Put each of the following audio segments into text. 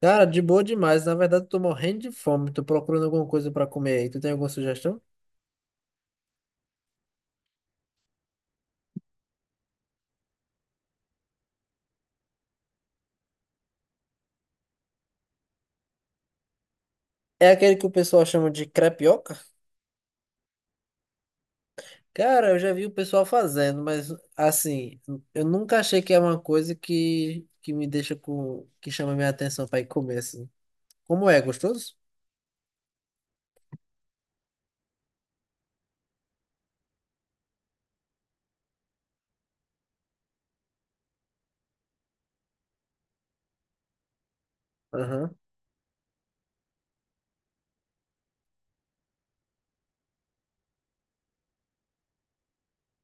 Cara, de boa demais. Na verdade, eu tô morrendo de fome. Tô procurando alguma coisa pra comer aí. Tu tem alguma sugestão? É aquele que o pessoal chama de crepioca? Cara, eu já vi o pessoal fazendo, mas assim, eu nunca achei que é uma coisa que me deixa com, que chama minha atenção pra ir comer assim. Como é, gostoso? Aham.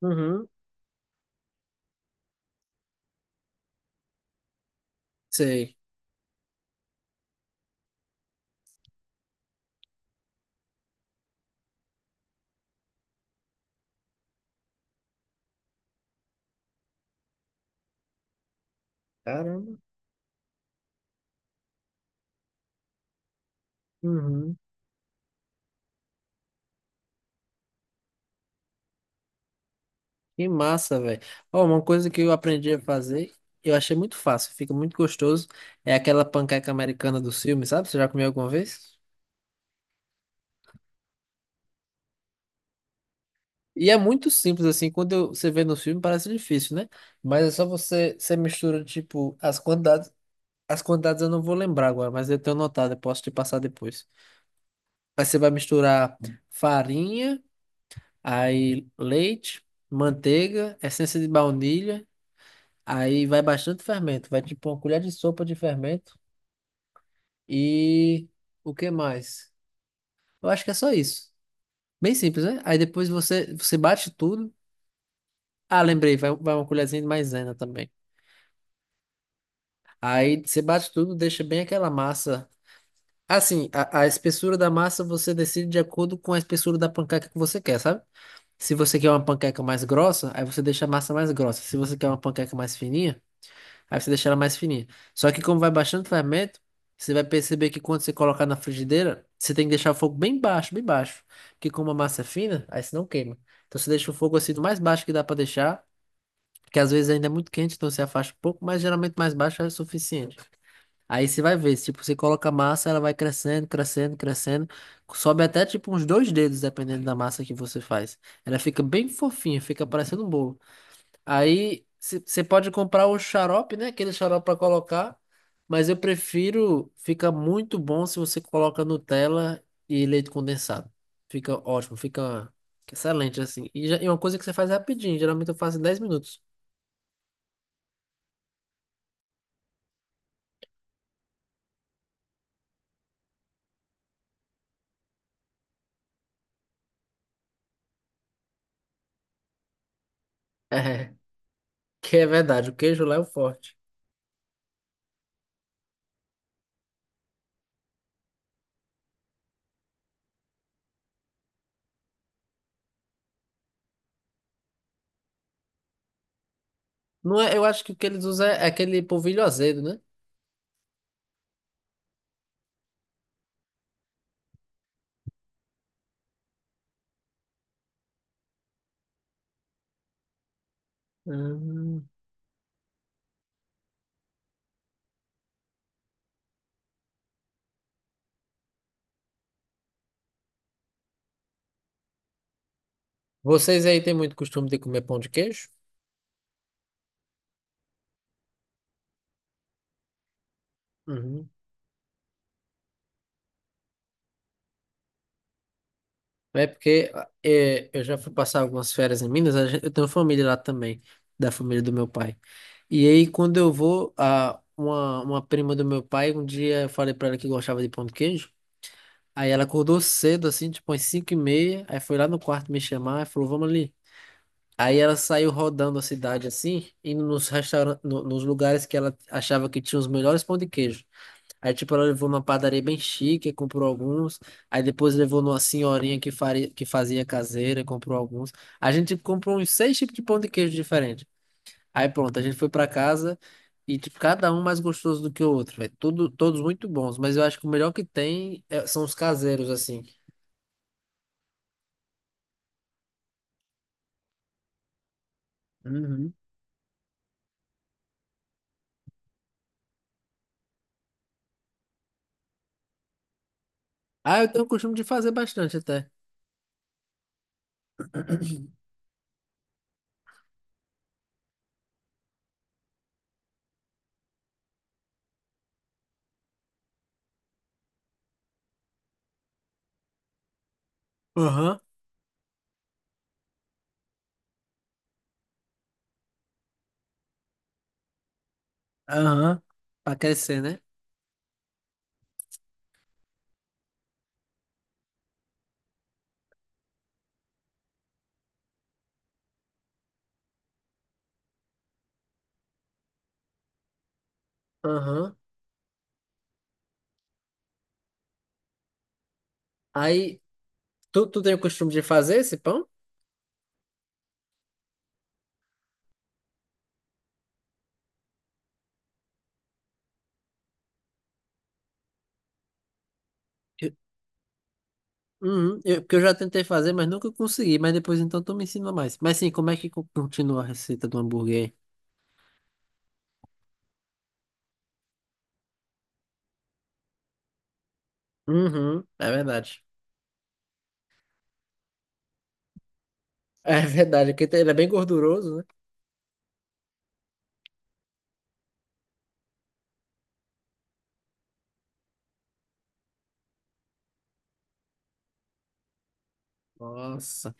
Uhum. Sei. Caramba. Uhum. Que massa, velho. Ó, uma coisa que eu aprendi a fazer, eu achei muito fácil, fica muito gostoso, é aquela panqueca americana do filme, sabe? Você já comeu alguma vez? E é muito simples assim, você vê no filme parece difícil, né? Mas é só você, você mistura, tipo, as quantidades eu não vou lembrar agora, mas eu tenho notado, eu posso te passar depois. Aí você vai misturar farinha, aí leite, manteiga, essência de baunilha. Aí vai bastante fermento, vai tipo uma colher de sopa de fermento e o que mais? Eu acho que é só isso. Bem simples, né? Aí depois você bate tudo. Ah, lembrei, vai uma colherzinha de maisena também. Aí você bate tudo, deixa bem aquela massa. Assim, a espessura da massa você decide de acordo com a espessura da panqueca que você quer, sabe? Se você quer uma panqueca mais grossa, aí você deixa a massa mais grossa. Se você quer uma panqueca mais fininha, aí você deixa ela mais fininha. Só que como vai baixando o fermento, você vai perceber que quando você colocar na frigideira, você tem que deixar o fogo bem baixo, bem baixo. Porque como a massa é fina, aí você não queima. Então você deixa o fogo assim do mais baixo que dá pra deixar, que às vezes ainda é muito quente, então você afasta um pouco, mas geralmente mais baixo é o suficiente. Aí você vai ver, tipo, você coloca a massa, ela vai crescendo, crescendo, crescendo, sobe até tipo uns dois dedos, dependendo da massa que você faz. Ela fica bem fofinha, fica parecendo um bolo. Aí você pode comprar o xarope, né? Aquele xarope para colocar. Mas eu prefiro, fica muito bom se você coloca Nutella e leite condensado. Fica ótimo, fica excelente assim. E é uma coisa que você faz rapidinho, geralmente eu faço em 10 minutos. É, que é verdade, o queijo lá é o forte. Não é, eu acho que o que eles usam é aquele polvilho azedo, né? Hum. Vocês aí têm muito costume de comer pão de queijo? Uhum. É porque é, eu já fui passar algumas férias em Minas, eu tenho família lá também, da família do meu pai. E aí, quando eu vou, uma prima do meu pai, um dia eu falei pra ela que gostava de pão de queijo, aí ela acordou cedo, assim, tipo às 5:30, aí foi lá no quarto me chamar e falou, vamos ali. Aí ela saiu rodando a cidade, assim, indo nos restaurantes, nos lugares que ela achava que tinha os melhores pão de queijo. Aí, tipo, ela levou numa padaria bem chique, comprou alguns. Aí depois levou numa senhorinha que fazia caseira, comprou alguns. A gente tipo, comprou uns seis tipos de pão de queijo diferente. Aí pronto, a gente foi pra casa e, tipo, cada um mais gostoso do que o outro, velho. Tudo, todos muito bons, mas eu acho que o melhor que tem são os caseiros, assim. Uhum. Ah, eu tenho o costume de fazer bastante até. Aham, aham. Pra crescer, né? Aham. Aí, tu tem o costume de fazer esse pão? Uhum, eu, porque eu já tentei fazer, mas nunca consegui. Mas depois então tu me ensina mais. Mas sim, como é que continua a receita do hambúrguer aí? Uhum, é verdade. É verdade, porque ele é bem gorduroso, né? Nossa.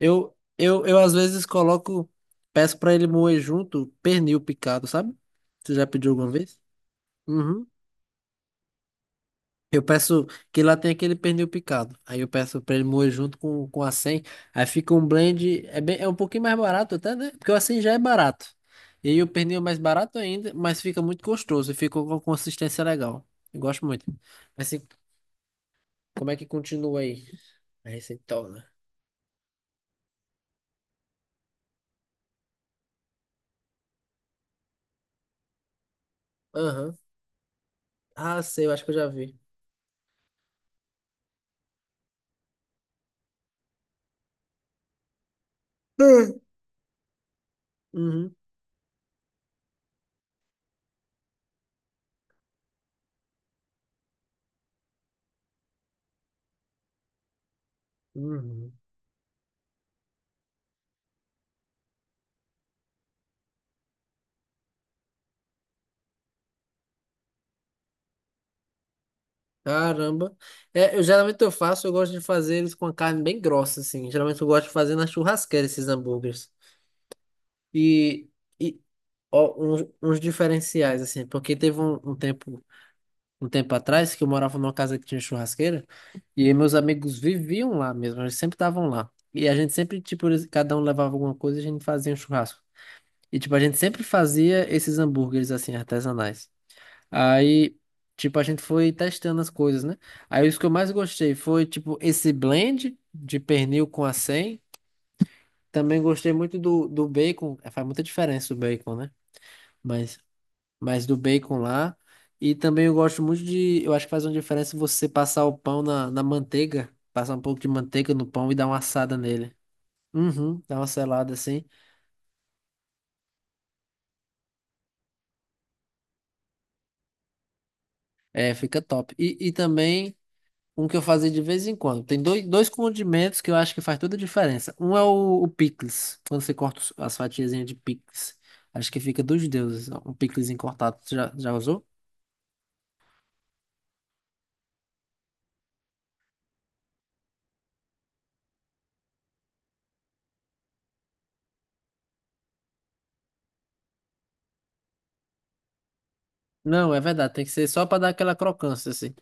Eu às vezes coloco, peço pra ele moer junto pernil picado, sabe? Você já pediu alguma vez? Uhum. Eu peço que lá tem aquele pernil picado. Aí eu peço pra ele moer junto com a 100. Aí fica um blend. É, bem, é um pouquinho mais barato até, né? Porque o assim já é barato. E aí o pernil é mais barato ainda, mas fica muito gostoso. E fica com uma consistência legal. Eu gosto muito. Mas assim, como é que continua aí? A receitona. Aham. Ah, sei, eu acho que eu já vi. Hum. Uhum. Uhum. Caramba. É, eu geralmente eu faço, eu gosto de fazer eles com a carne bem grossa, assim. Geralmente eu gosto de fazer na churrasqueira esses hambúrgueres. E, e ó, uns diferenciais, assim, porque teve um tempo, um tempo atrás que eu morava numa casa que tinha churrasqueira, e aí meus amigos viviam lá mesmo, eles sempre estavam lá. E a gente sempre, tipo, cada um levava alguma coisa e a gente fazia um churrasco. E, tipo, a gente sempre fazia esses hambúrgueres, assim, artesanais. Aí, tipo, a gente foi testando as coisas, né? Aí, os que eu mais gostei foi, tipo, esse blend de pernil com acém. Também gostei muito do bacon, é, faz muita diferença o bacon, né? Mas mas do bacon lá. E também eu gosto muito de. Eu acho que faz uma diferença você passar o pão na manteiga, passar um pouco de manteiga no pão e dar uma assada nele. Uhum, dá uma selada assim. É, fica top. E também um que eu fazia de vez em quando. Tem dois condimentos que eu acho que faz toda a diferença. Um é o picles, quando você corta as fatiazinhas de picles. Acho que fica dos deuses, ó, um piclesinho cortado. Você já usou? Não, é verdade, tem que ser só para dar aquela crocância assim.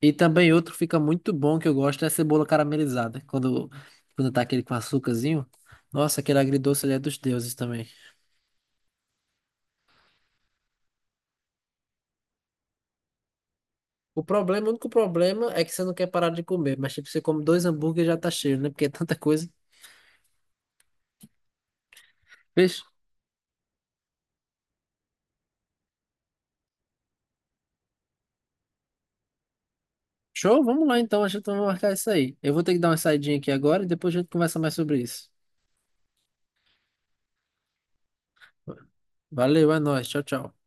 E também outro fica muito bom que eu gosto é a cebola caramelizada. Quando, quando tá aquele com açúcarzinho. Nossa, aquele agridoce ali é dos deuses também. O problema, o único problema é que você não quer parar de comer. Mas tipo, você come dois hambúrgueres e já tá cheio, né? Porque é tanta coisa. Fez? Show? Vamos lá então. A gente vai marcar isso aí. Eu vou ter que dar uma saidinha aqui agora e depois a gente conversa mais sobre isso. Valeu, é nóis. Tchau, tchau.